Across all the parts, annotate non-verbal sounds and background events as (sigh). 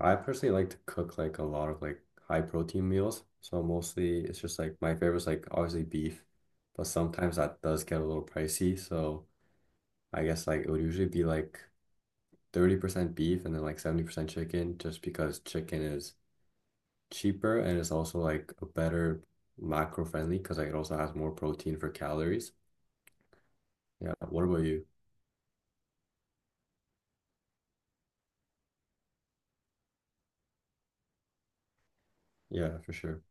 I personally like to cook like a lot of like high protein meals. So mostly it's just like my favorite's like obviously beef, but sometimes that does get a little pricey. So I guess like it would usually be like 30% beef and then like 70% chicken just because chicken is cheaper, and it's also like a better macro friendly because like it also has more protein for calories. Yeah. What about you? Yeah, for sure.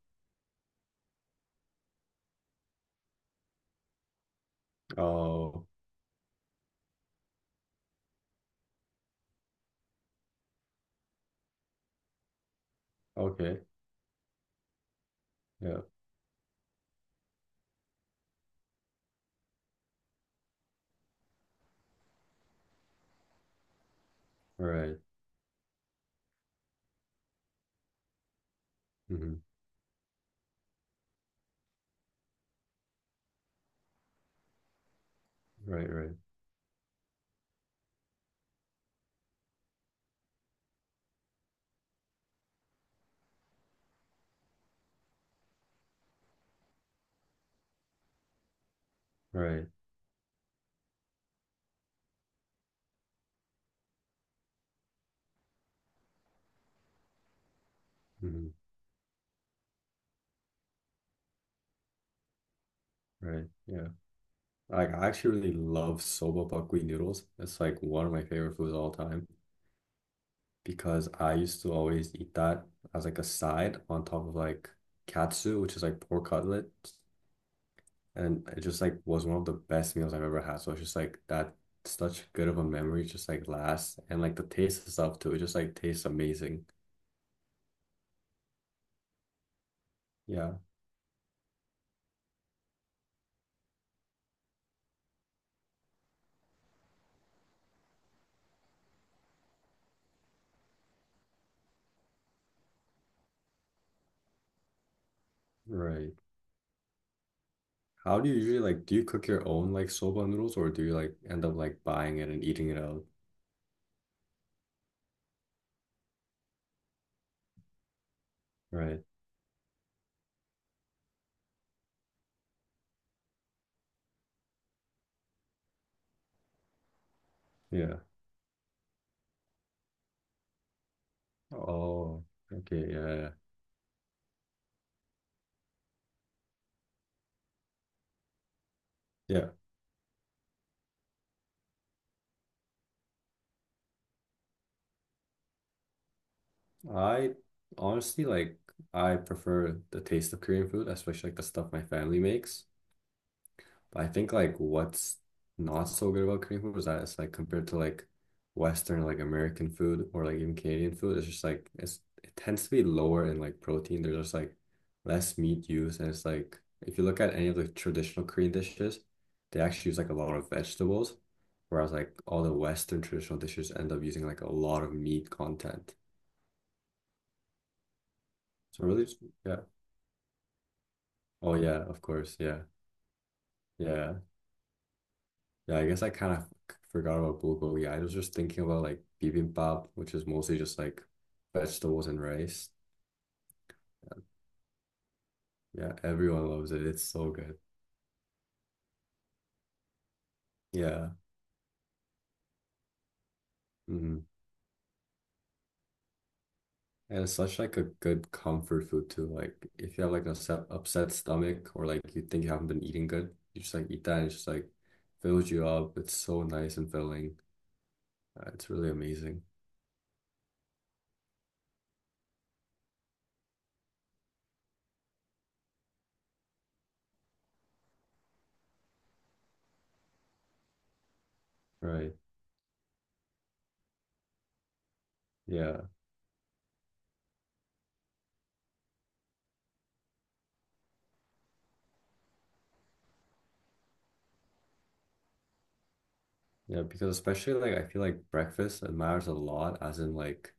Oh, okay. Yeah. Right. Mm-hmm. Right, right, right. Mm-hmm. Right. Yeah. Like I actually really love soba buckwheat noodles. It's like one of my favorite foods of all time because I used to always eat that as like a side on top of like katsu, which is like pork cutlet. And it just like was one of the best meals I've ever had. So it's just like that such good of a memory just like lasts, and like the taste and stuff too. It just like tastes amazing. Yeah, right. How do you usually like do you cook your own like soba noodles, or do you like end up like buying it and eating it out? Right. Yeah. Oh, okay, yeah, yeah, yeah. Yeah, I honestly like I prefer the taste of Korean food, especially like the stuff my family makes. But I think like what's not so good about Korean food is that it's like compared to like Western like American food or like even Canadian food, it's just like it's it tends to be lower in like protein. There's just like less meat used, and it's like if you look at any of the traditional Korean dishes, they actually use like a lot of vegetables, whereas like all the Western traditional dishes end up using like a lot of meat content. So really, just- yeah. Oh yeah, of course, yeah, yeah. Yeah, I guess I kind of forgot about bulgogi. I was just thinking about like bibimbap, which is mostly just like vegetables and rice. Yeah, everyone loves it. It's so good. Yeah. Hmm. And it's such like a good comfort food too. Like if you have like an upset stomach or like you think you haven't been eating good, you just like eat that and it just like fills you up. It's so nice and filling. It's really amazing. Right. Yeah. Yeah, because especially like I feel like breakfast it matters a lot, as in like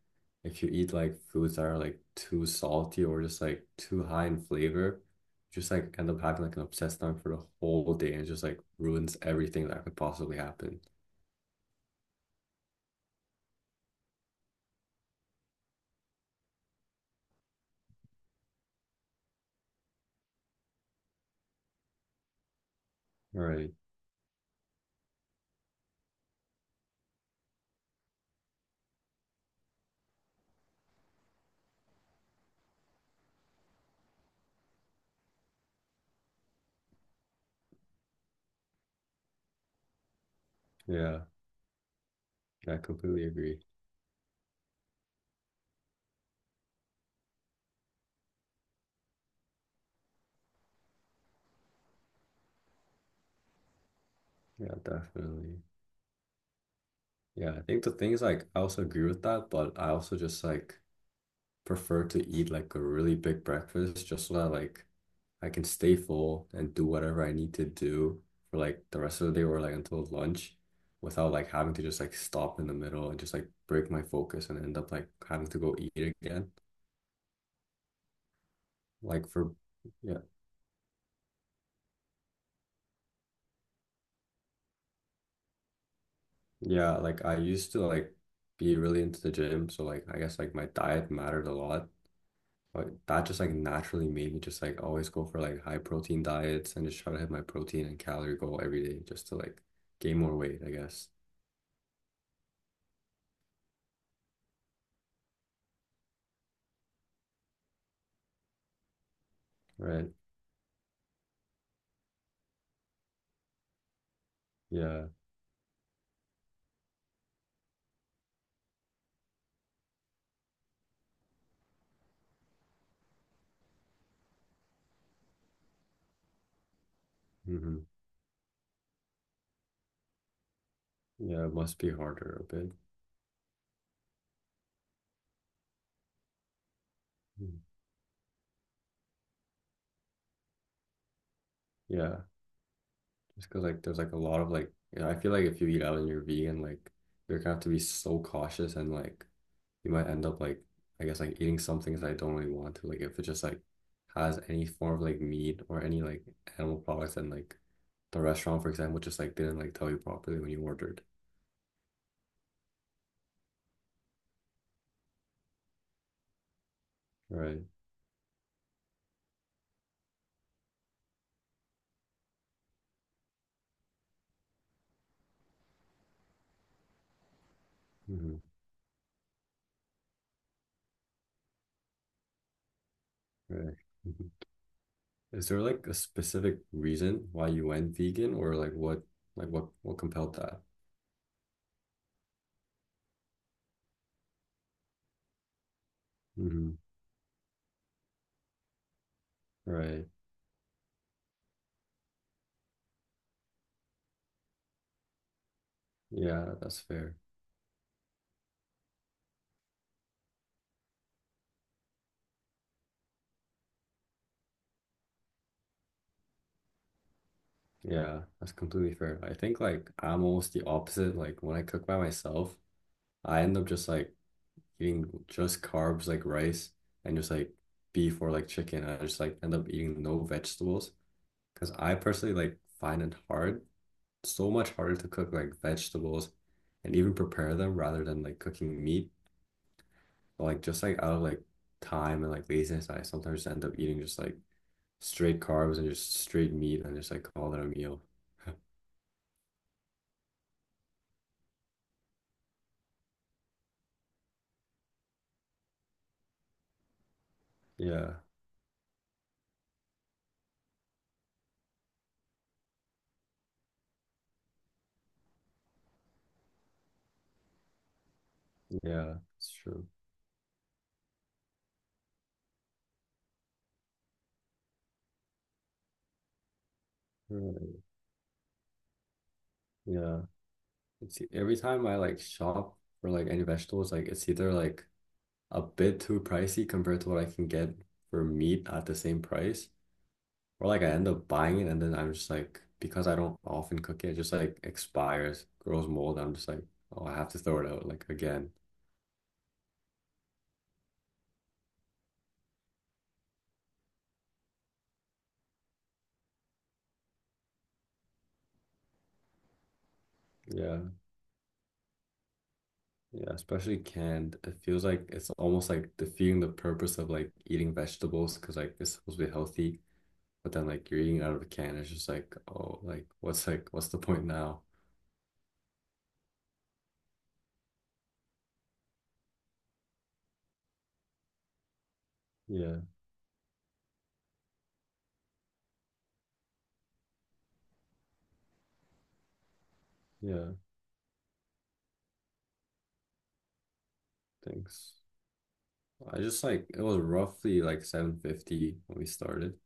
if you eat like foods that are like too salty or just like too high in flavor, just like end up having like an upset stomach for the whole day and just like ruins everything that could possibly happen. Right. Yeah. I completely agree. Yeah, definitely. Yeah, I think the thing is like I also agree with that, but I also just like prefer to eat like a really big breakfast just so that like I can stay full and do whatever I need to do for like the rest of the day or like until lunch without like having to just like stop in the middle and just like break my focus and end up like having to go eat again. Like for yeah, yeah, like I used to like be really into the gym, so like I guess like my diet mattered a lot. But that just like naturally made me just like always go for like high protein diets and just try to hit my protein and calorie goal every day just to like gain more weight, I guess. Right. Yeah. Hmm. Yeah, it must be harder a bit. Mm. Yeah, just because like there's like a lot of like I feel like if you eat out and you're vegan, like you're gonna have to be so cautious, and like you might end up like I guess like eating some things that I don't really want to. Like if it just like has any form of like meat or any like animal products, and like the restaurant, for example, just like didn't like tell you properly when you ordered. Right. Hmm. Right. Mhm. Is there like a specific reason why you went vegan, or like what compelled that? Hmm. Right. Yeah, that's fair. Yeah, that's completely fair. I think like I'm almost the opposite. Like when I cook by myself, I end up just like eating just carbs like rice and just like beef or like chicken. I just like end up eating no vegetables because I personally like find it hard, so much harder to cook like vegetables and even prepare them rather than like cooking meat. But, like just like out of like time and like laziness, I sometimes end up eating just like straight carbs and just straight meat and just like call it a meal. (laughs) Yeah, yeah, it's true. Right. Yeah. It's e, every time I like shop for like any vegetables, like it's either like a bit too pricey compared to what I can get for meat at the same price, or like I end up buying it and then I'm just like because I don't often cook it, it just like expires, grows mold. I'm just like, oh, I have to throw it out like again. Yeah. Yeah, especially canned. It feels like it's almost like defeating the purpose of like eating vegetables because like it's supposed to be healthy. But then like you're eating out of a can, it's just like, oh, like what's the point now? Yeah, yeah, thanks. I just like it was roughly like 7:50 when we started.